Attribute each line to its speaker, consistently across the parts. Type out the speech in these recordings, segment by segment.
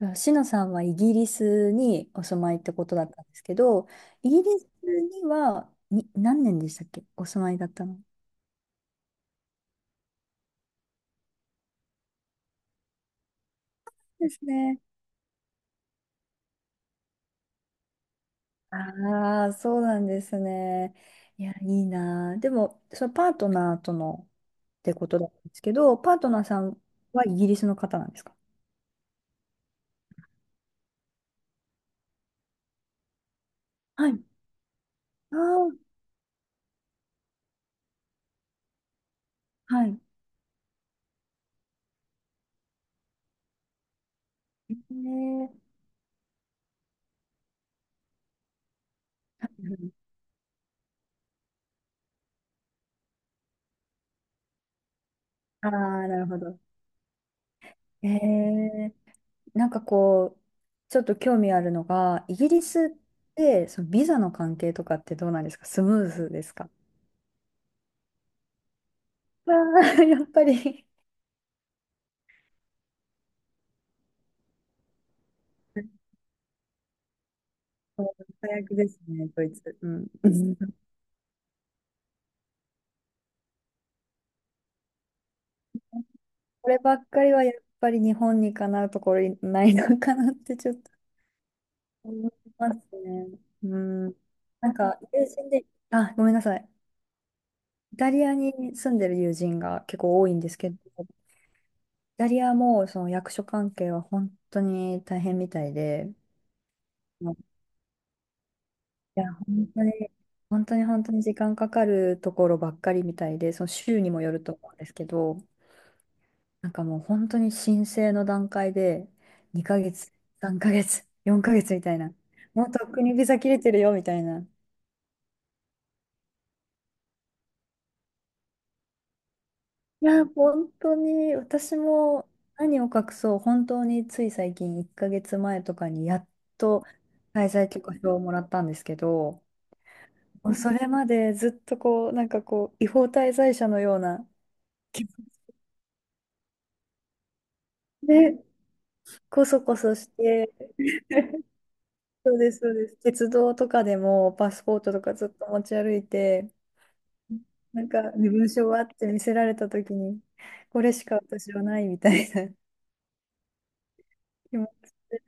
Speaker 1: あ、シノさんはイギリスにお住まいってことだったんですけど、イギリスにはに何年でしたっけ、お住まいだったのですね。ああー、そうなんですね。いや、いいなあ。でも、そのパートナーとのってことだったんですけど、パートナーさんはイギリスの方なんですか？はい。ああー、はい。ねえ。ああ、なるほど。ええなんかこう、ちょっと興味あるのが、イギリスってそのビザの関係とかってどうなんですか、スムーズですか？あー、 やっぱり早くですね、こいつ。うん。こればっかりはやっぱり日本にかなうところにないのかなって、ちょっと思いますね。うん。なんか友人で、あ、ごめんなさい。イタリアに住んでる友人が結構多いんですけど、イタリアもその役所関係は本当に大変みたいで、いや、本当に、本当に時間かかるところばっかりみたいで、その週にもよると思うんですけど、もう本当に申請の段階で、2ヶ月、3ヶ月、4ヶ月みたいな、もうとっくにビザ切れてるよみたいな。いや、本当に、私も何を隠そう、本当につい最近、1ヶ月前とかにやっと滞在許可証をもらったんですけど、もうそれまでずっとこう、違法滞在者のような気持ちで、こそこそして、そうです、そうです。鉄道とかでもパスポートとかずっと持ち歩いて、なんか身分証はって見せられたときに、これしか私はないみたいな、 気持ちで、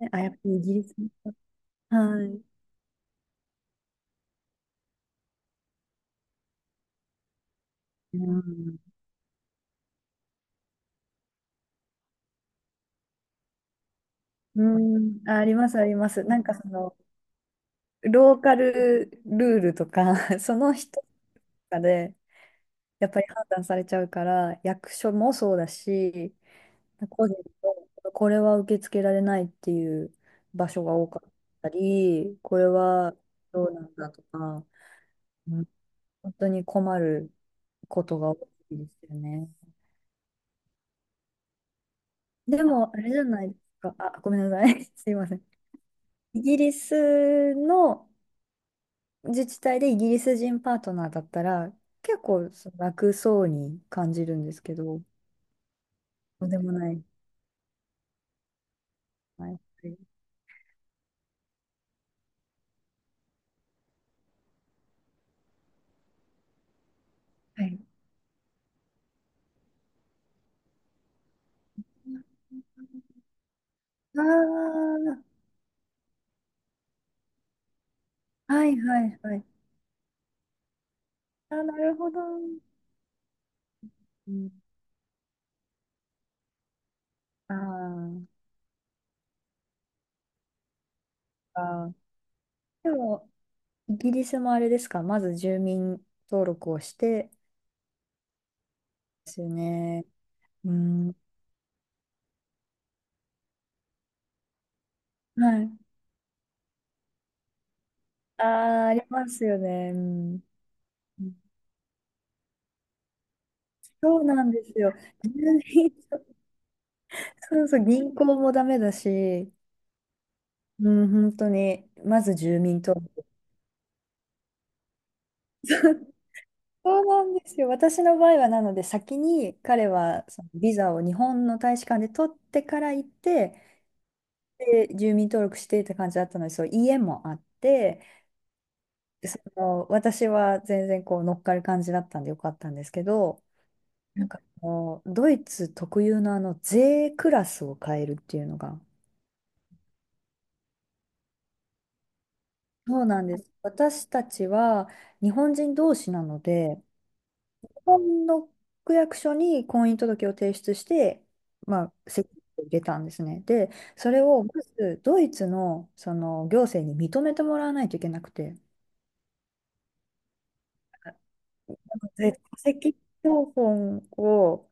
Speaker 1: ね、あ、やっぱりイギリス。はい。うん。うん、あ、あります、あります。その、ローカルルールとか、その人とかで、やっぱり判断されちゃうから、役所もそうだし、個人とこれは受け付けられないっていう場所が多かったり、これはどうなんだとか、うん、本当に困ることが多いですよね。でも、あれじゃないですか。あ、ごめんなさい。すいません。イギリスの自治体でイギリス人パートナーだったら、結構その楽そうに感じるんですけど、そうでもない。はい。はい。ああ、はいはいはい。あ、なるほど。うん、あー、あー、でも、イギリスもあれですか、まず住民登録をして、ですよね。うん。はい。ああ、ありますよね。うん。そうなんですよ。住民、そうそう、銀行もダメだし、うん、本当に、まず住民登録。そうなんですよ。私の場合は、なので、先に彼はそのビザを日本の大使館で取ってから行って、で、住民登録してって感じだったので、そう、家もあって、その私は全然こう乗っかる感じだったんでよかったんですけど、ドイツ特有のあの税クラスを変えるっていうのが、そうなんです。私たちは日本人同士なので、日本の区役所に婚姻届を提出して、まあ、籍を入れたんですね。で、それをまずドイツの、その行政に認めてもらわないといけなくて、で戸籍謄本を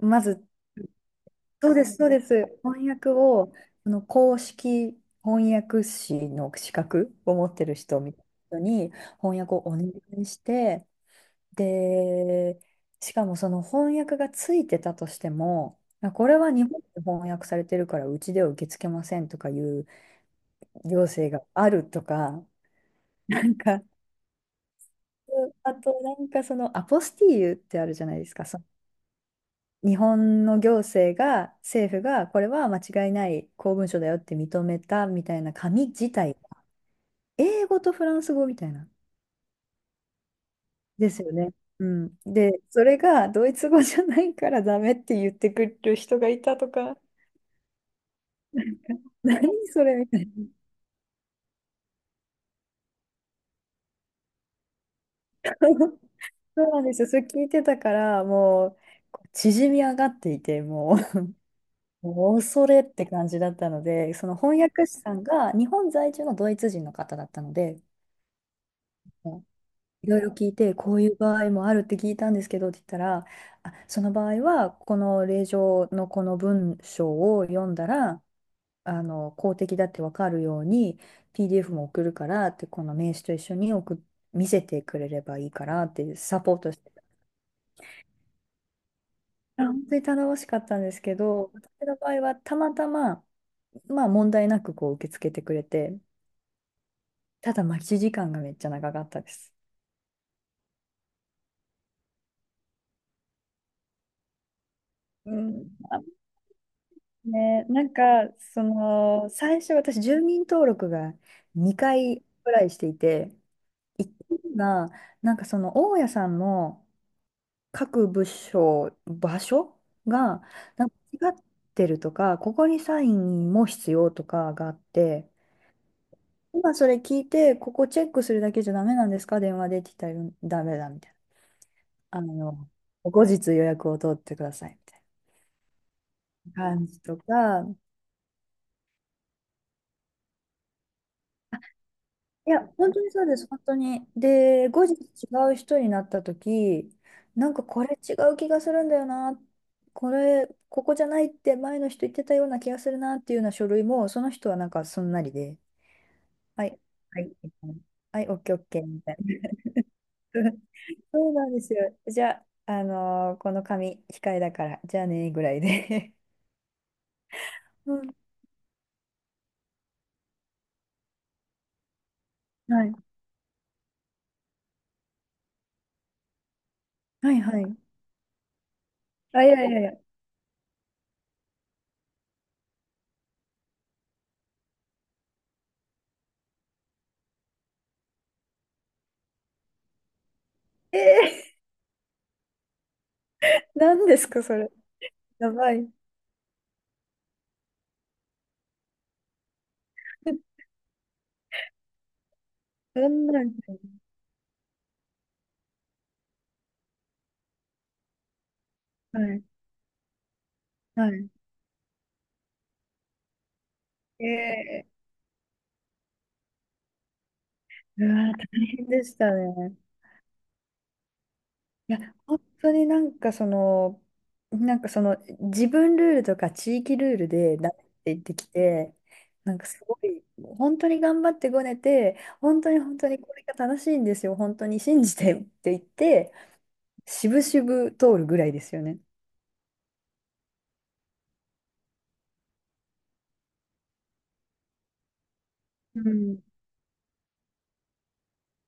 Speaker 1: まずそうです、そうです。翻訳を、あの公式翻訳士の資格を持ってる人みたいな人に翻訳をお願いして、で、しかもその翻訳がついてたとしても、まあこれは日本で翻訳されてるからうちでは受け付けませんとかいう行政があるとか、なんか、あとそのアポスティーユってあるじゃないですか。日本の行政が、政府が、これは間違いない公文書だよって認めたみたいな紙自体が、英語とフランス語みたいな、ですよね。うん。で、それがドイツ語じゃないからダメって言ってくる人がいたとか、何それみたいな。そうなんですよ。それ聞いてたから、もう、こう縮み上がっていて、もう恐れって感じだったので、その翻訳師さんが日本在住のドイツ人の方だったので、いろいろ聞いて、こういう場合もあるって聞いたんですけどって言ったら、あ、その場合は、この令状のこの文章を読んだら、公的だってわかるように、PDF も送るからって、この名刺と一緒に送っ、見せてくれればいいからってサポートしてた。あ、本当に頼もしかったんですけど、私の場合はたまたま、まあ問題なくこう受け付けてくれて、ただ待ち時間がめっちゃ長かったです。うん、ね、その、最初私、住民登録が2回ぐらいしていて、1回が、大家さんの各部署、場所が、なんか違ってるとか、ここにサインも必要とかがあって、今それ聞いて、ここチェックするだけじゃダメなんですか電話でって言ったら、ダメだみたいな。あの、後日予約を取ってくださいみたいな感じとか、いや、本当にそうです、本当に。で、後日違う人になった時、なんかこれ違う気がするんだよな、これ、ここじゃないって前の人言ってたような気がするなっていうような書類も、その人はなんかそんなりで、はい、はい、みたいな、はい、オッケーオッケーみたいな。そうなんですよ。じゃあ、この紙、控えだから、じゃあね、ぐらいで。うん、はい、はい、はい。あ、いやいやいや。えー、何ですか、それ。やばい。そんなん、はい。はい、ええ、うわ、大変でしたね。いや、本当に自分ルールとか地域ルールでダメって言ってきて、なんかすごい、本当に頑張ってごねて、本当にこれが正しいんですよ、本当に信じてって言って、しぶしぶ通るぐらいですよね。うん、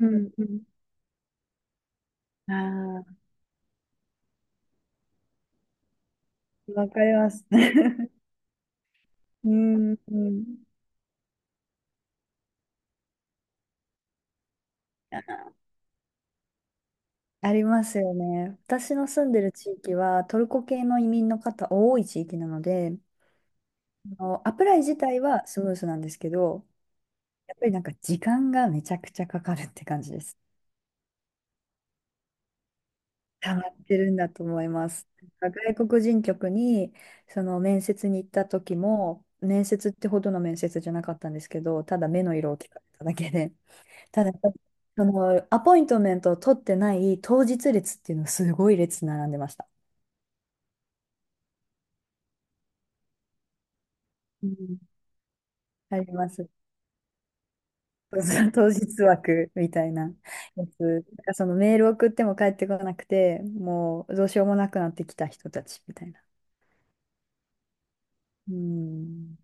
Speaker 1: うん、うん。ああ、わかります。うん、うん。ありますよね。私の住んでる地域はトルコ系の移民の方多い地域なので、あのアプライ自体はスムーズなんですけど、やっぱりなんか時間がめちゃくちゃかかるって感じです。溜まってるんだと思います。なんか外国人局にその面接に行った時も、面接ってほどの面接じゃなかったんですけど、ただ目の色を聞かれただけで、ただそのアポイントメントを取ってない当日列っていうのがすごい列並んでました。うん、あります。当日枠みたいなやつ。なんかそのメール送っても返ってこなくて、もうどうしようもなくなってきた人たちみたいな。うん。